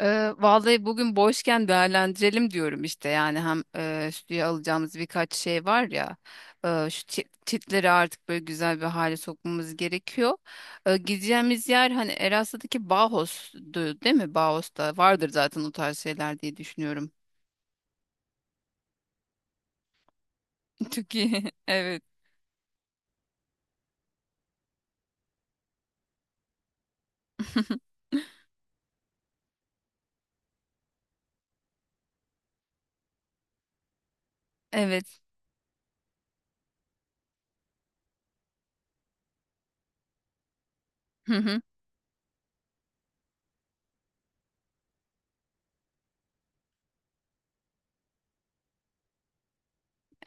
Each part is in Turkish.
Vallahi bugün boşken değerlendirelim diyorum işte yani hem stüdyoya alacağımız birkaç şey var ya şu çitleri artık böyle güzel bir hale sokmamız gerekiyor. Gideceğimiz yer hani Eras'taki Bauhaus'du değil mi? Bauhaus'ta vardır zaten o tarz şeyler diye düşünüyorum. Çünkü evet. Evet. Hı hı.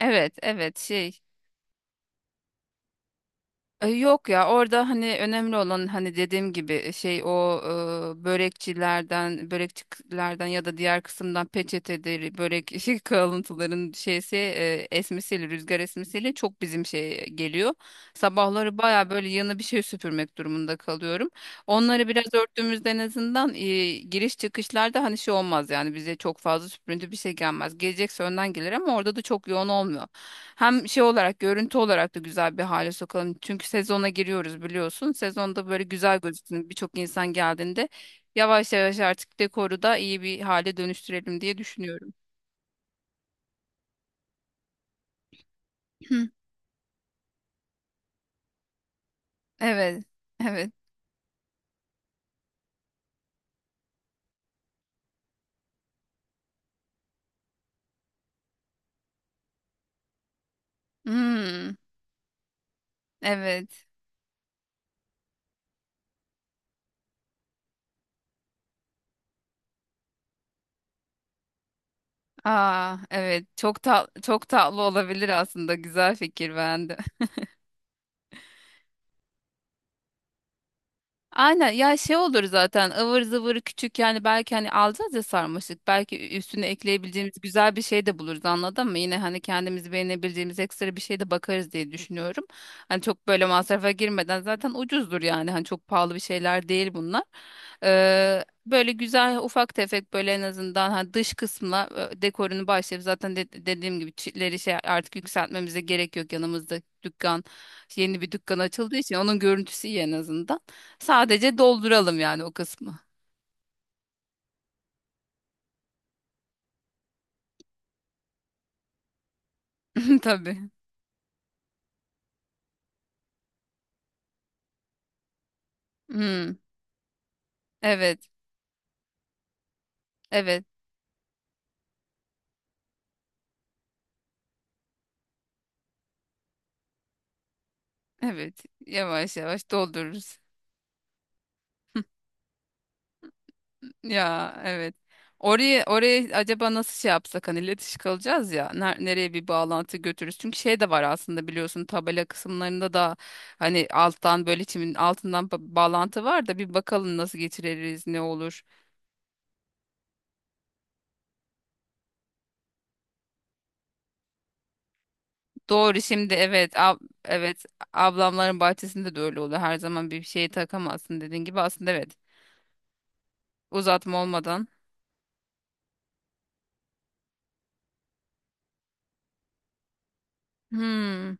Evet, evet, şey. Yok ya, orada hani önemli olan hani dediğim gibi şey, o börekçilerden ya da diğer kısımdan peçeteleri, börek şey, kalıntıların şeysi esmesiyle, rüzgar esmesiyle çok bizim şey geliyor. Sabahları baya böyle yanı bir şey süpürmek durumunda kalıyorum. Onları biraz örttüğümüzde en azından giriş çıkışlarda hani şey olmaz yani, bize çok fazla süprüntü bir şey gelmez. Gelecekse önden gelir ama orada da çok yoğun olmuyor. Hem şey olarak, görüntü olarak da güzel bir hale sokalım. Çünkü sezona giriyoruz biliyorsun. Sezonda böyle güzel gözüksün, birçok insan geldiğinde yavaş yavaş artık dekoru da iyi bir hale dönüştürelim diye düşünüyorum. Hı, evet. Evet. Hmm, evet. Aa, evet. Çok tatlı olabilir aslında. Güzel fikir, beğendim. Aynen ya, şey olur zaten, ıvır zıvır küçük, yani belki hani alacağız ya sarmaşık, belki üstüne ekleyebileceğimiz güzel bir şey de buluruz, anladın mı? Yine hani kendimizi beğenebileceğimiz ekstra bir şey de bakarız diye düşünüyorum. Hani çok böyle masrafa girmeden, zaten ucuzdur yani, hani çok pahalı bir şeyler değil bunlar. Böyle güzel ufak tefek, böyle en azından hani dış kısmına dekorunu başlayıp zaten dediğim gibi çitleri şey artık yükseltmemize gerek yok, yanımızda dükkan, yeni bir dükkan açıldığı için onun görüntüsü iyi en azından. Sadece dolduralım yani o kısmı. Tabii. Hmm, evet. Evet. Evet. Yavaş yavaş doldururuz. Ya, evet. Oraya acaba nasıl şey yapsak, hani iletişim kalacağız ya, nereye bir bağlantı götürürüz? Çünkü şey de var aslında, biliyorsun tabela kısımlarında da hani alttan, böyle çimin altından bağlantı var da bir bakalım nasıl geçiririz, ne olur. Doğru, şimdi evet, evet, ablamların bahçesinde de öyle oluyor. Her zaman bir şey takamazsın dediğin gibi, aslında evet. Uzatma olmadan. Hmm.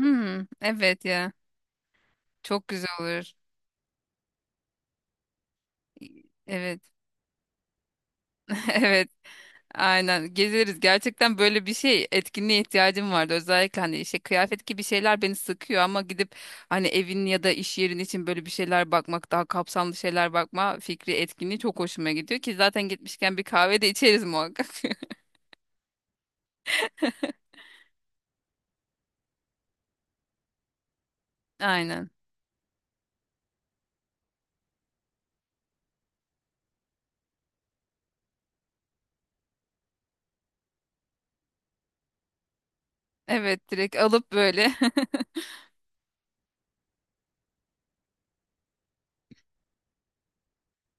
Hmm. Evet ya. Çok güzel olur. Evet. Evet. Aynen. Gezeriz. Gerçekten böyle bir şey, etkinliğe ihtiyacım vardı. Özellikle hani işte kıyafet gibi şeyler beni sıkıyor, ama gidip hani evin ya da iş yerin için böyle bir şeyler bakmak, daha kapsamlı şeyler bakma fikri etkinliği çok hoşuma gidiyor ki zaten gitmişken bir kahve de içeriz muhakkak. Aynen. Evet, direkt alıp böyle.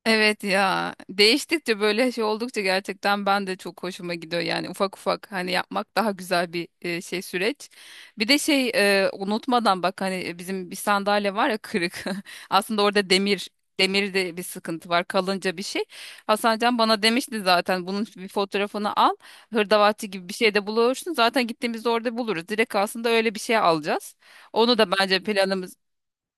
Evet ya, değiştikçe böyle şey oldukça gerçekten ben de, çok hoşuma gidiyor yani ufak ufak hani yapmak daha güzel bir şey, süreç. Bir de şey, unutmadan bak, hani bizim bir sandalye var ya kırık, aslında orada demirde bir sıkıntı var, kalınca bir şey. Hasan Can bana demişti zaten bunun bir fotoğrafını al, hırdavatçı gibi bir şey de bulursun zaten, gittiğimizde orada buluruz direkt, aslında öyle bir şey alacağız. Onu da bence planımızda.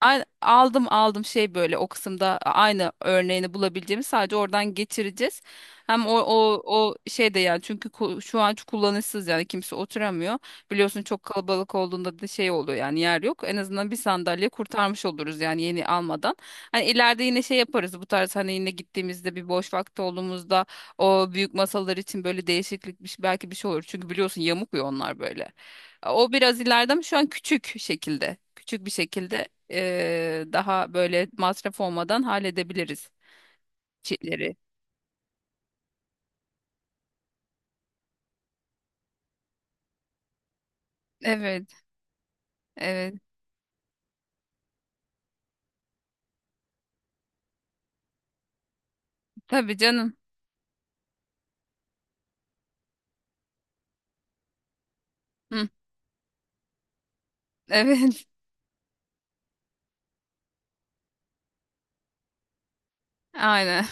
Aldım şey, böyle o kısımda aynı örneğini bulabileceğimiz, sadece oradan geçireceğiz. Hem o şey de yani, çünkü şu an kullanışsız yani, kimse oturamıyor. Biliyorsun çok kalabalık olduğunda da şey oluyor yani, yer yok. En azından bir sandalye kurtarmış oluruz yani, yeni almadan. Hani ileride yine şey yaparız bu tarz, hani yine gittiğimizde bir boş vakti olduğumuzda o büyük masalar için böyle değişiklik belki bir şey olur. Çünkü biliyorsun yamuk ya onlar, böyle. O biraz ileride, ama şu an küçük şekilde. Küçük bir şekilde daha böyle masraf olmadan halledebiliriz çiftleri. Evet, evet. Tabii canım. Hı, evet, aynen.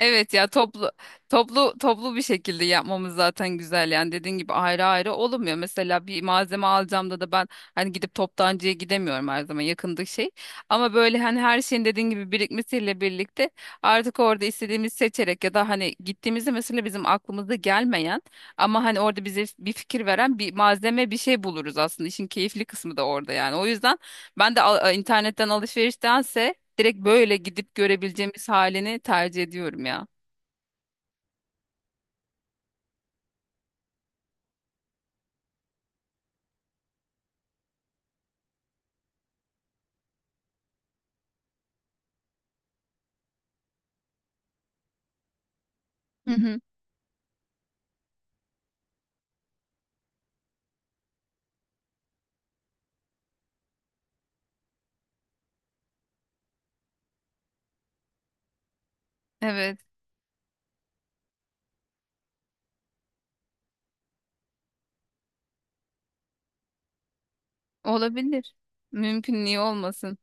Evet ya, toplu toplu bir şekilde yapmamız zaten güzel yani, dediğin gibi ayrı ayrı olmuyor. Mesela bir malzeme alacağım da ben hani gidip toptancıya gidemiyorum her zaman, yakındık şey. Ama böyle hani her şeyin dediğin gibi birikmesiyle birlikte artık orada istediğimizi seçerek, ya da hani gittiğimizde mesela bizim aklımıza gelmeyen, ama hani orada bize bir fikir veren bir malzeme, bir şey buluruz, aslında işin keyifli kısmı da orada yani. O yüzden ben de internetten alışveriştense direkt böyle gidip görebileceğimiz halini tercih ediyorum ya. Hı hı. Evet, olabilir. Mümkün, niye olmasın?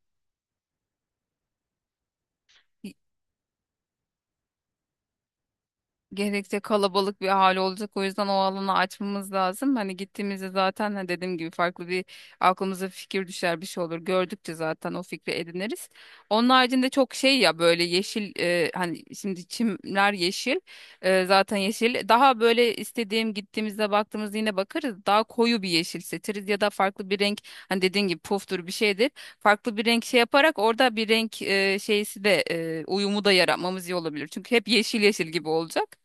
Gerekçe kalabalık bir hal olacak. O yüzden o alanı açmamız lazım. Hani gittiğimizde zaten, ha, dediğim gibi farklı bir, aklımıza fikir düşer, bir şey olur. Gördükçe zaten o fikri ediniriz. Onun haricinde çok şey ya, böyle yeşil, hani şimdi çimler yeşil, zaten yeşil. Daha böyle istediğim gittiğimizde baktığımızda yine bakarız. Daha koyu bir yeşil seçeriz ya da farklı bir renk, hani dediğin gibi puftur, bir şeydir. Farklı bir renk şey yaparak orada bir renk, şeysi de uyumu da yaratmamız iyi olabilir. Çünkü hep yeşil yeşil gibi olacak.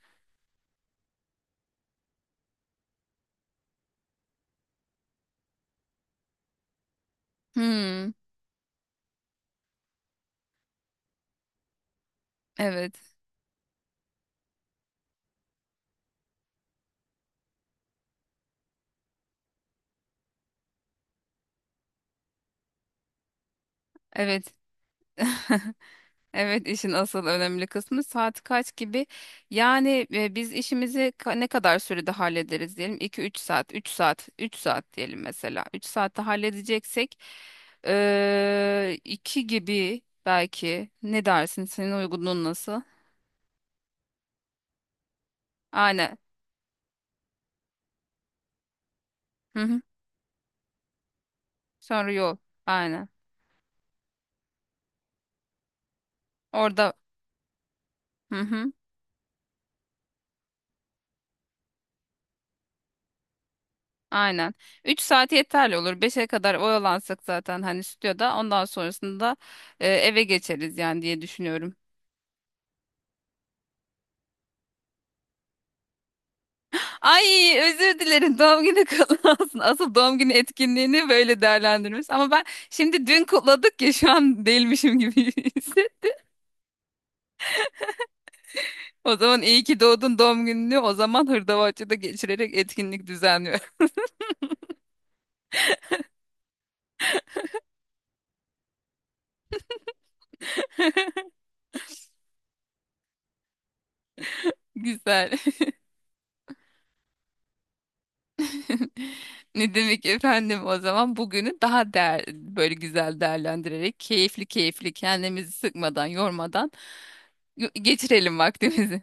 Hmm, evet, evet. Evet, işin asıl önemli kısmı saat kaç gibi. Yani biz işimizi, ne kadar sürede hallederiz diyelim? İki üç saat, 3 saat diyelim mesela. 3 saatte halledeceksek 2 gibi belki. Ne dersin? Senin uygunluğun nasıl? Aynen. Hı hı. Sonra yol. Aynen. Orada. Hı hı. Aynen. 3 saat yeterli olur. 5'e kadar oyalansak zaten hani stüdyoda, ondan sonrasında eve geçeriz yani diye düşünüyorum. Ay, özür dilerim, doğum günü kutlu olsun. Asıl doğum günü etkinliğini böyle değerlendirmiş. Ama ben şimdi, dün kutladık ya, şu an değilmişim gibi hisset. O zaman iyi ki doğdun, doğum gününü o zaman Hırdavatçı'da geçirerek etkinlik düzenliyorum. Güzel. Ne demek efendim, o zaman bugünü daha böyle güzel değerlendirerek, keyifli keyifli, kendimizi sıkmadan yormadan geçirelim vaktimizi.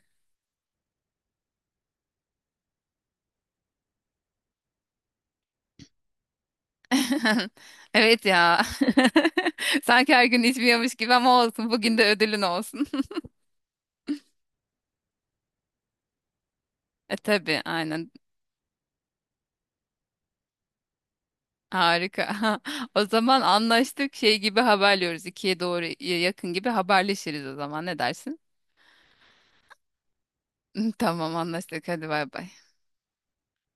Evet ya. Sanki her gün içmiyormuş gibi, ama olsun. Bugün de ödülün olsun. Tabii, aynen. Harika. O zaman anlaştık. Şey gibi haberliyoruz. 2'ye doğru yakın gibi haberleşiriz o zaman. Ne dersin? Tamam, anlaştık. Hadi bay bay.